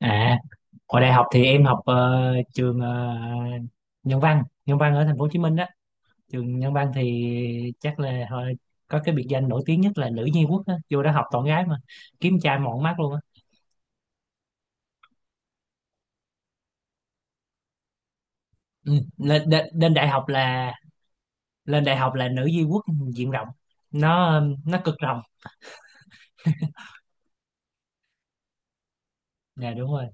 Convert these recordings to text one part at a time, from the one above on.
À, hồi đại học thì em học trường Nhân văn ở thành phố Hồ Chí Minh đó. Trường Nhân văn thì chắc là hồi có cái biệt danh nổi tiếng nhất là nữ nhi quốc á, vô đó học toàn gái mà, kiếm trai mọn mắt luôn á. Ừ, lên, đe- lên đại học là lên đại học là nữ nhi quốc diện rộng. Nó cực rộng. Dạ đúng rồi.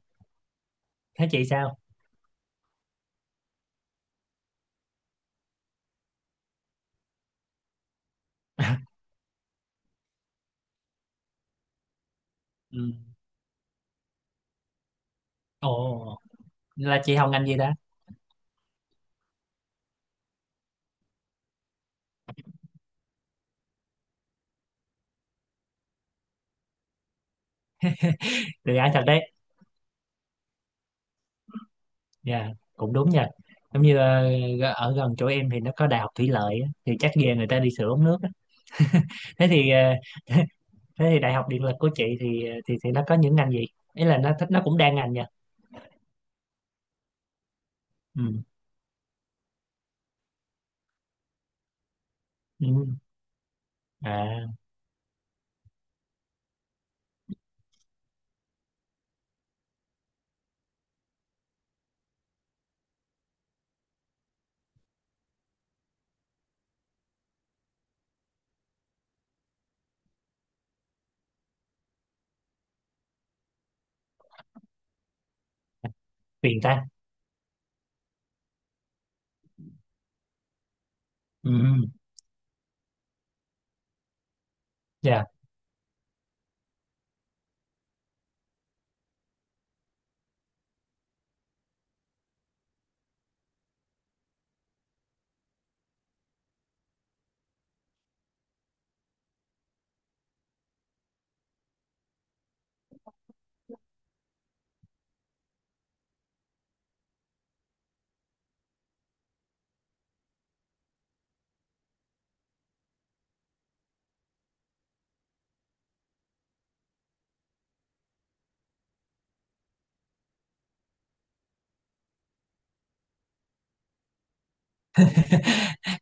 Thế chị sao? Ừ. Ồ, là chị học ngành gì ta? Được ai thật đấy. Dạ, cũng đúng nha. Giống như ở gần chỗ em thì nó có đại học thủy lợi á, thì chắc về người ta đi sửa ống nước á. Thế thì ờ, thế thì đại học điện lực của chị thì thì nó có những ngành gì? Ý là nó thích nó cũng đa ngành nha. Ừ. Ừ. À, phiền ta. Ừ. Dạ.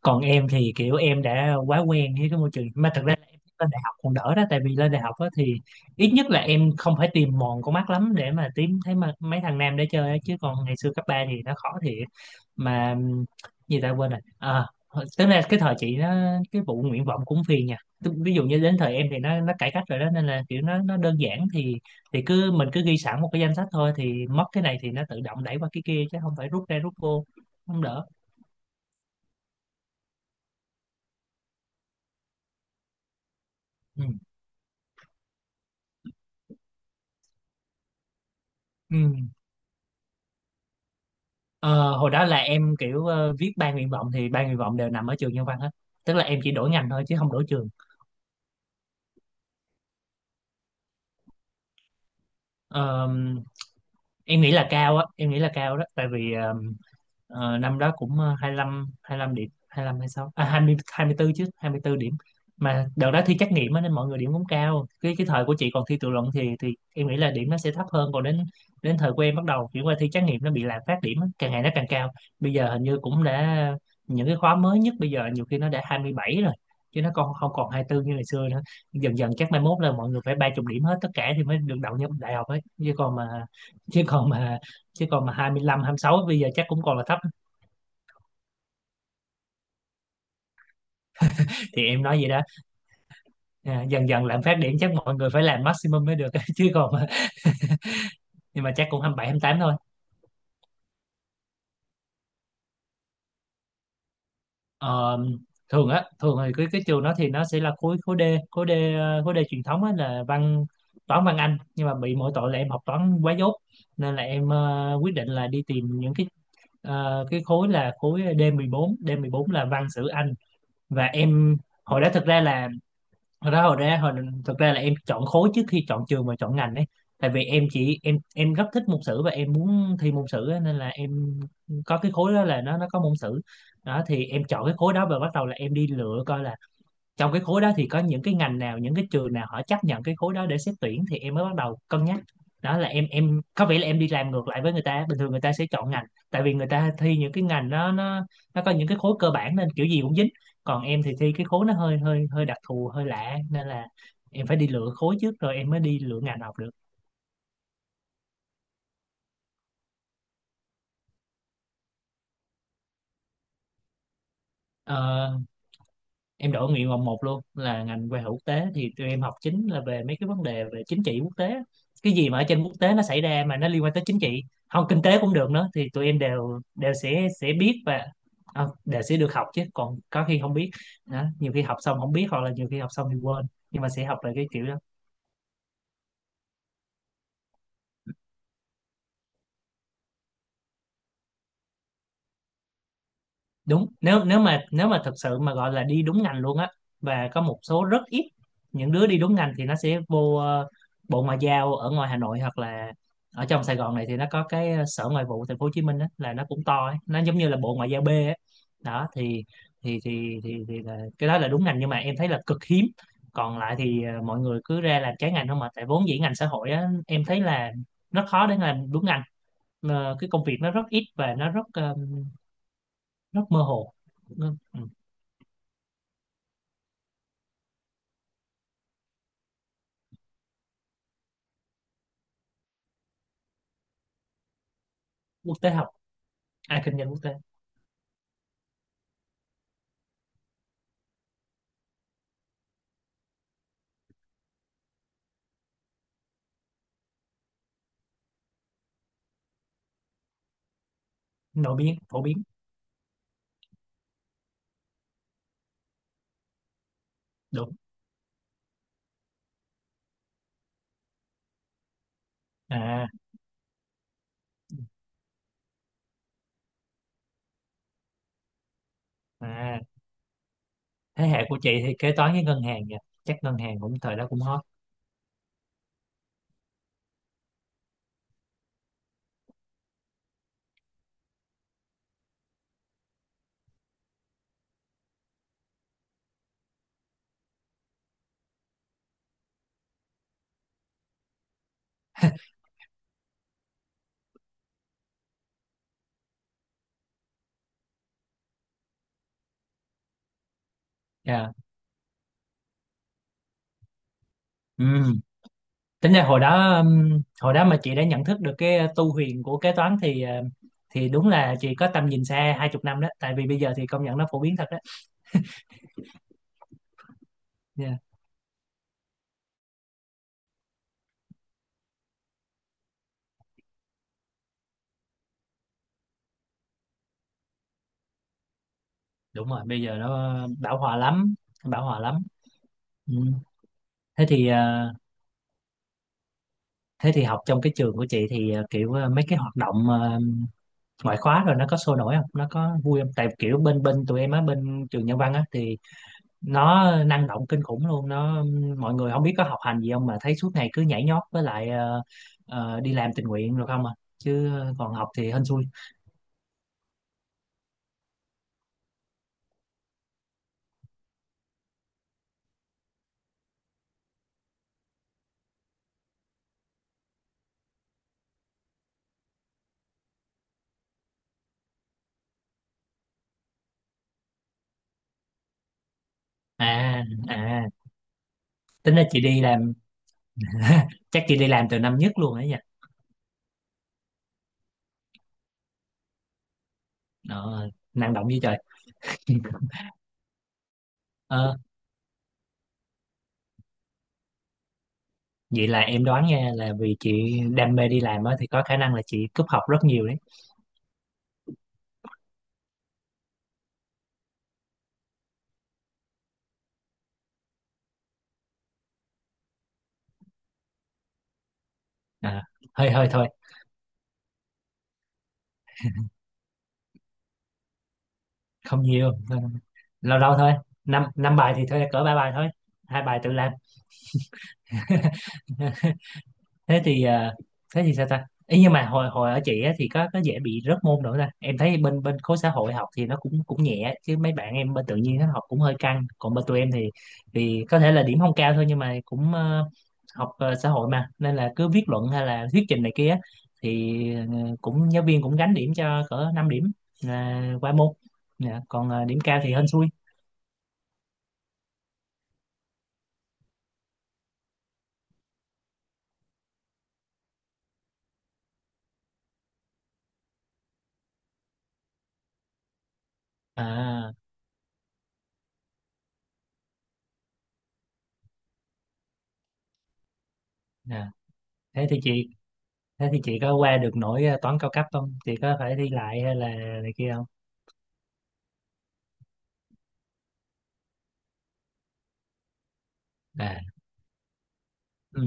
Còn em thì kiểu em đã quá quen với cái môi trường mà thật ra là em lên đại học còn đỡ đó, tại vì lên đại học á thì ít nhất là em không phải tìm mòn con mắt lắm để mà tìm thấy mà mấy thằng nam để chơi á, chứ còn ngày xưa cấp 3 thì nó khó thiệt mà. Gì ta quên rồi à, tức là cái thời chị nó, cái vụ nguyện vọng cũng phiền nha. Ví dụ như đến thời em thì nó cải cách rồi đó, nên là kiểu nó đơn giản, thì cứ mình cứ ghi sẵn một cái danh sách thôi, thì mất cái này thì nó tự động đẩy qua cái kia chứ không phải rút ra rút vô, không đỡ. Ừ. Ừ. Ờ, Hồi đó là em kiểu viết ba nguyện vọng thì ba nguyện vọng đều nằm ở trường Nhân văn hết, tức là em chỉ đổi ngành thôi chứ không đổi trường. Ờ, em nghĩ là cao á, em nghĩ là cao đó, tại vì năm đó cũng 25 lăm hai lăm điểm hai lăm hai 26 à 20 24 chứ 24 điểm. Mà đợt đó thi trắc nghiệm á nên mọi người điểm cũng cao, cái thời của chị còn thi tự luận thì em nghĩ là điểm nó sẽ thấp hơn. Còn đến đến thời của em bắt đầu chuyển qua thi trắc nghiệm nó bị lạm phát điểm á, càng ngày nó càng cao, bây giờ hình như cũng đã những cái khóa mới nhất bây giờ nhiều khi nó đã 27 rồi, chứ nó còn không còn 24 như ngày xưa nữa. Dần dần chắc mai mốt là mọi người phải 30 điểm hết tất cả thì mới được đậu nhập đại học ấy, chứ còn mà chứ còn mà chứ còn mà hai hai mươi lăm 26 bây giờ chắc cũng còn là thấp. Thì em nói vậy đó. À, dần dần lạm phát điểm chắc mọi người phải làm maximum mới được chứ còn mà, nhưng mà chắc cũng hai hai mươi bảy 28 thôi. Ờ, thường thì cái trường đó thì nó sẽ là khối khối D ờ, khối D truyền thống á, là văn toán văn Anh. Nhưng mà bị mỗi tội là em học toán quá dốt, nên là em quyết định là đi tìm những cái khối, là khối d mười bốn d 14 là văn sử Anh. Và em hồi đó thực ra là hồi đó hồi ra hồi thực ra là em chọn khối trước khi chọn trường và chọn ngành ấy. Tại vì em chỉ em rất thích môn sử và em muốn thi môn sử á, nên là em có cái khối đó, là nó có môn sử. Đó thì em chọn cái khối đó và bắt đầu là em đi lựa coi là trong cái khối đó thì có những cái ngành nào, những cái trường nào họ chấp nhận cái khối đó để xét tuyển, thì em mới bắt đầu cân nhắc. Đó là em có vẻ là em đi làm ngược lại với người ta, bình thường người ta sẽ chọn ngành tại vì người ta thi những cái ngành nó có những cái khối cơ bản nên kiểu gì cũng dính. Còn em thì thi cái khối nó hơi hơi hơi đặc thù, hơi lạ, nên là em phải đi lựa khối trước rồi em mới đi lựa ngành học được. Ờ, em đổi nguyện vọng một luôn là ngành quan hệ quốc tế. Thì tụi em học chính là về mấy cái vấn đề về chính trị quốc tế, cái gì mà ở trên quốc tế nó xảy ra mà nó liên quan tới chính trị, không kinh tế cũng được nữa, thì tụi em đều đều sẽ biết và đều sẽ được học. Chứ còn có khi không biết đó, nhiều khi học xong không biết hoặc là nhiều khi học xong thì quên nhưng mà sẽ học lại cái kiểu đó. Đúng, nếu nếu mà thật sự mà gọi là đi đúng ngành luôn á, và có một số rất ít những đứa đi đúng ngành thì nó sẽ vô bộ ngoại giao ở ngoài Hà Nội, hoặc là ở trong Sài Gòn này thì nó có cái sở ngoại vụ thành phố Hồ Chí Minh á, là nó cũng to ấy. Nó giống như là bộ ngoại giao B ấy. Đó cái đó là đúng ngành nhưng mà em thấy là cực hiếm. Còn lại thì mọi người cứ ra làm trái ngành không mà, tại vốn dĩ ngành xã hội á em thấy là nó khó để làm đúng ngành. Cái công việc nó rất ít và nó rất mơ hồ. Ừ. Quốc tế học. À kinh doanh quốc tế. Nổi tiếng phổ biến. Đúng. À, à, thế hệ của chị thì kế toán với ngân hàng nha, chắc ngân hàng cũng thời đó cũng hot. Dạ. Ừ. Tính ra hồi đó mà chị đã nhận thức được cái tu huyền của kế toán thì thì đúng là chị có tầm nhìn xa 20 năm đó, tại vì bây giờ thì công nhận nó phổ biến thật đó. Dạ, đúng rồi, bây giờ nó bão hòa lắm, bão hòa lắm. Ừ. Thế thì học trong cái trường của chị thì kiểu mấy cái hoạt động ngoại khóa rồi nó có sôi nổi không, nó có vui không, tại kiểu bên bên tụi em á, bên trường Nhân văn á, thì nó năng động kinh khủng luôn. Nó mọi người không biết có học hành gì không mà thấy suốt ngày cứ nhảy nhót với lại đi làm tình nguyện rồi không à, chứ còn học thì hên xui. À, à, tính ra chị đi làm chắc chị đi làm từ năm nhất luôn đấy nha. Ờ, Năng động như trời. Ờ, Vậy là em đoán nha, là vì chị đam mê đi làm á thì có khả năng là chị cúp học rất nhiều đấy. À, hơi hơi thôi, không nhiều, lâu lâu thôi, năm năm bài thì thôi cỡ ba bài thôi, hai bài tự làm. Thế thì sao ta ý, nhưng mà hồi hồi ở chị á, thì có dễ bị rớt môn nữa ta. Em thấy bên bên khối xã hội học thì nó cũng cũng nhẹ, chứ mấy bạn em bên tự nhiên nó học cũng hơi căng. Còn bên tụi em thì có thể là điểm không cao thôi, nhưng mà cũng học xã hội mà, nên là cứ viết luận hay là thuyết trình này kia á, thì cũng giáo viên cũng gánh điểm cho cỡ 5 điểm là qua môn. Dạ, còn điểm cao thì hên xui. À, à, thế thì chị thế thì chị có qua được nổi toán cao cấp không, chị có phải thi lại hay là này kia không? À. Ừ,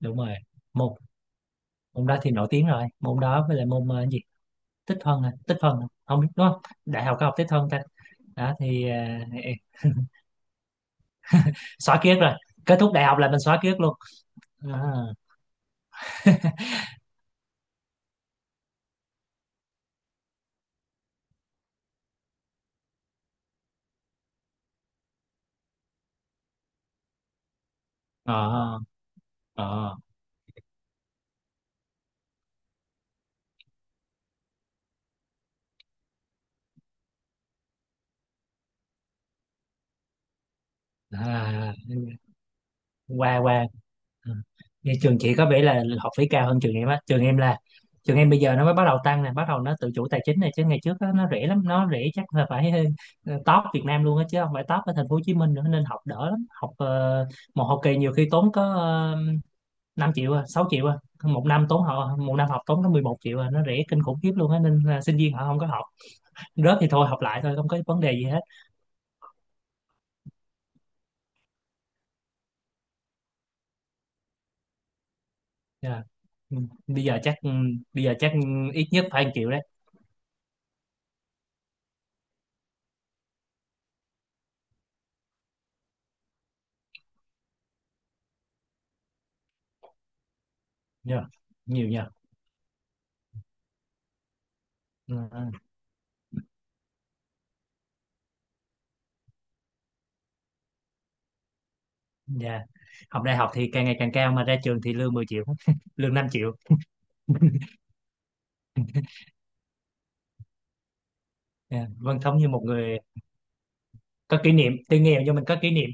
đúng rồi, môn môn đó thì nổi tiếng rồi, môn đó với lại môn cái gì, tích phân à, tích phân à? Không biết đúng không, đại học có học tích phân ta? Đó thì xóa ký ức rồi. Kết thúc đại học là mình xóa ký ức luôn. À, ờ ờ ờ. À, qua qua. Ừ. Vậy trường chị có vẻ là học phí cao hơn trường em á. Trường em bây giờ nó mới bắt đầu tăng nè, bắt đầu nó tự chủ tài chính này, chứ ngày trước á, nó rẻ lắm, nó rẻ chắc là phải top Việt Nam luôn á chứ không phải top ở thành phố Hồ Chí Minh nữa, nên học đỡ lắm. Một học kỳ nhiều khi tốn có 5 triệu à, 6 triệu à, một năm học tốn có 11 triệu à. Nó rẻ kinh khủng khiếp luôn á, nên là sinh viên họ không có học rớt thì thôi, học lại thôi, không có vấn đề gì hết. Dạ. Ừ. Bây giờ chắc, bây giờ chắc ít nhất phải 1 triệu đấy. Dạ. Nhiều nhờ. Ừ. Ừ. Dạ. Học đại học thì càng ngày càng cao mà ra trường thì lương 10 triệu, lương 5 triệu. Dạ. Vâng, sống như một người có kỷ niệm, tuy nghèo nhưng mình có kỷ niệm.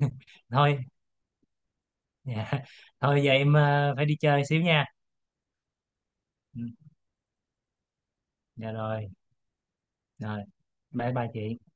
Thôi, dạ. Thôi giờ em phải đi chơi xíu nha. Ừ. Dạ rồi, rồi. Bye bye chị.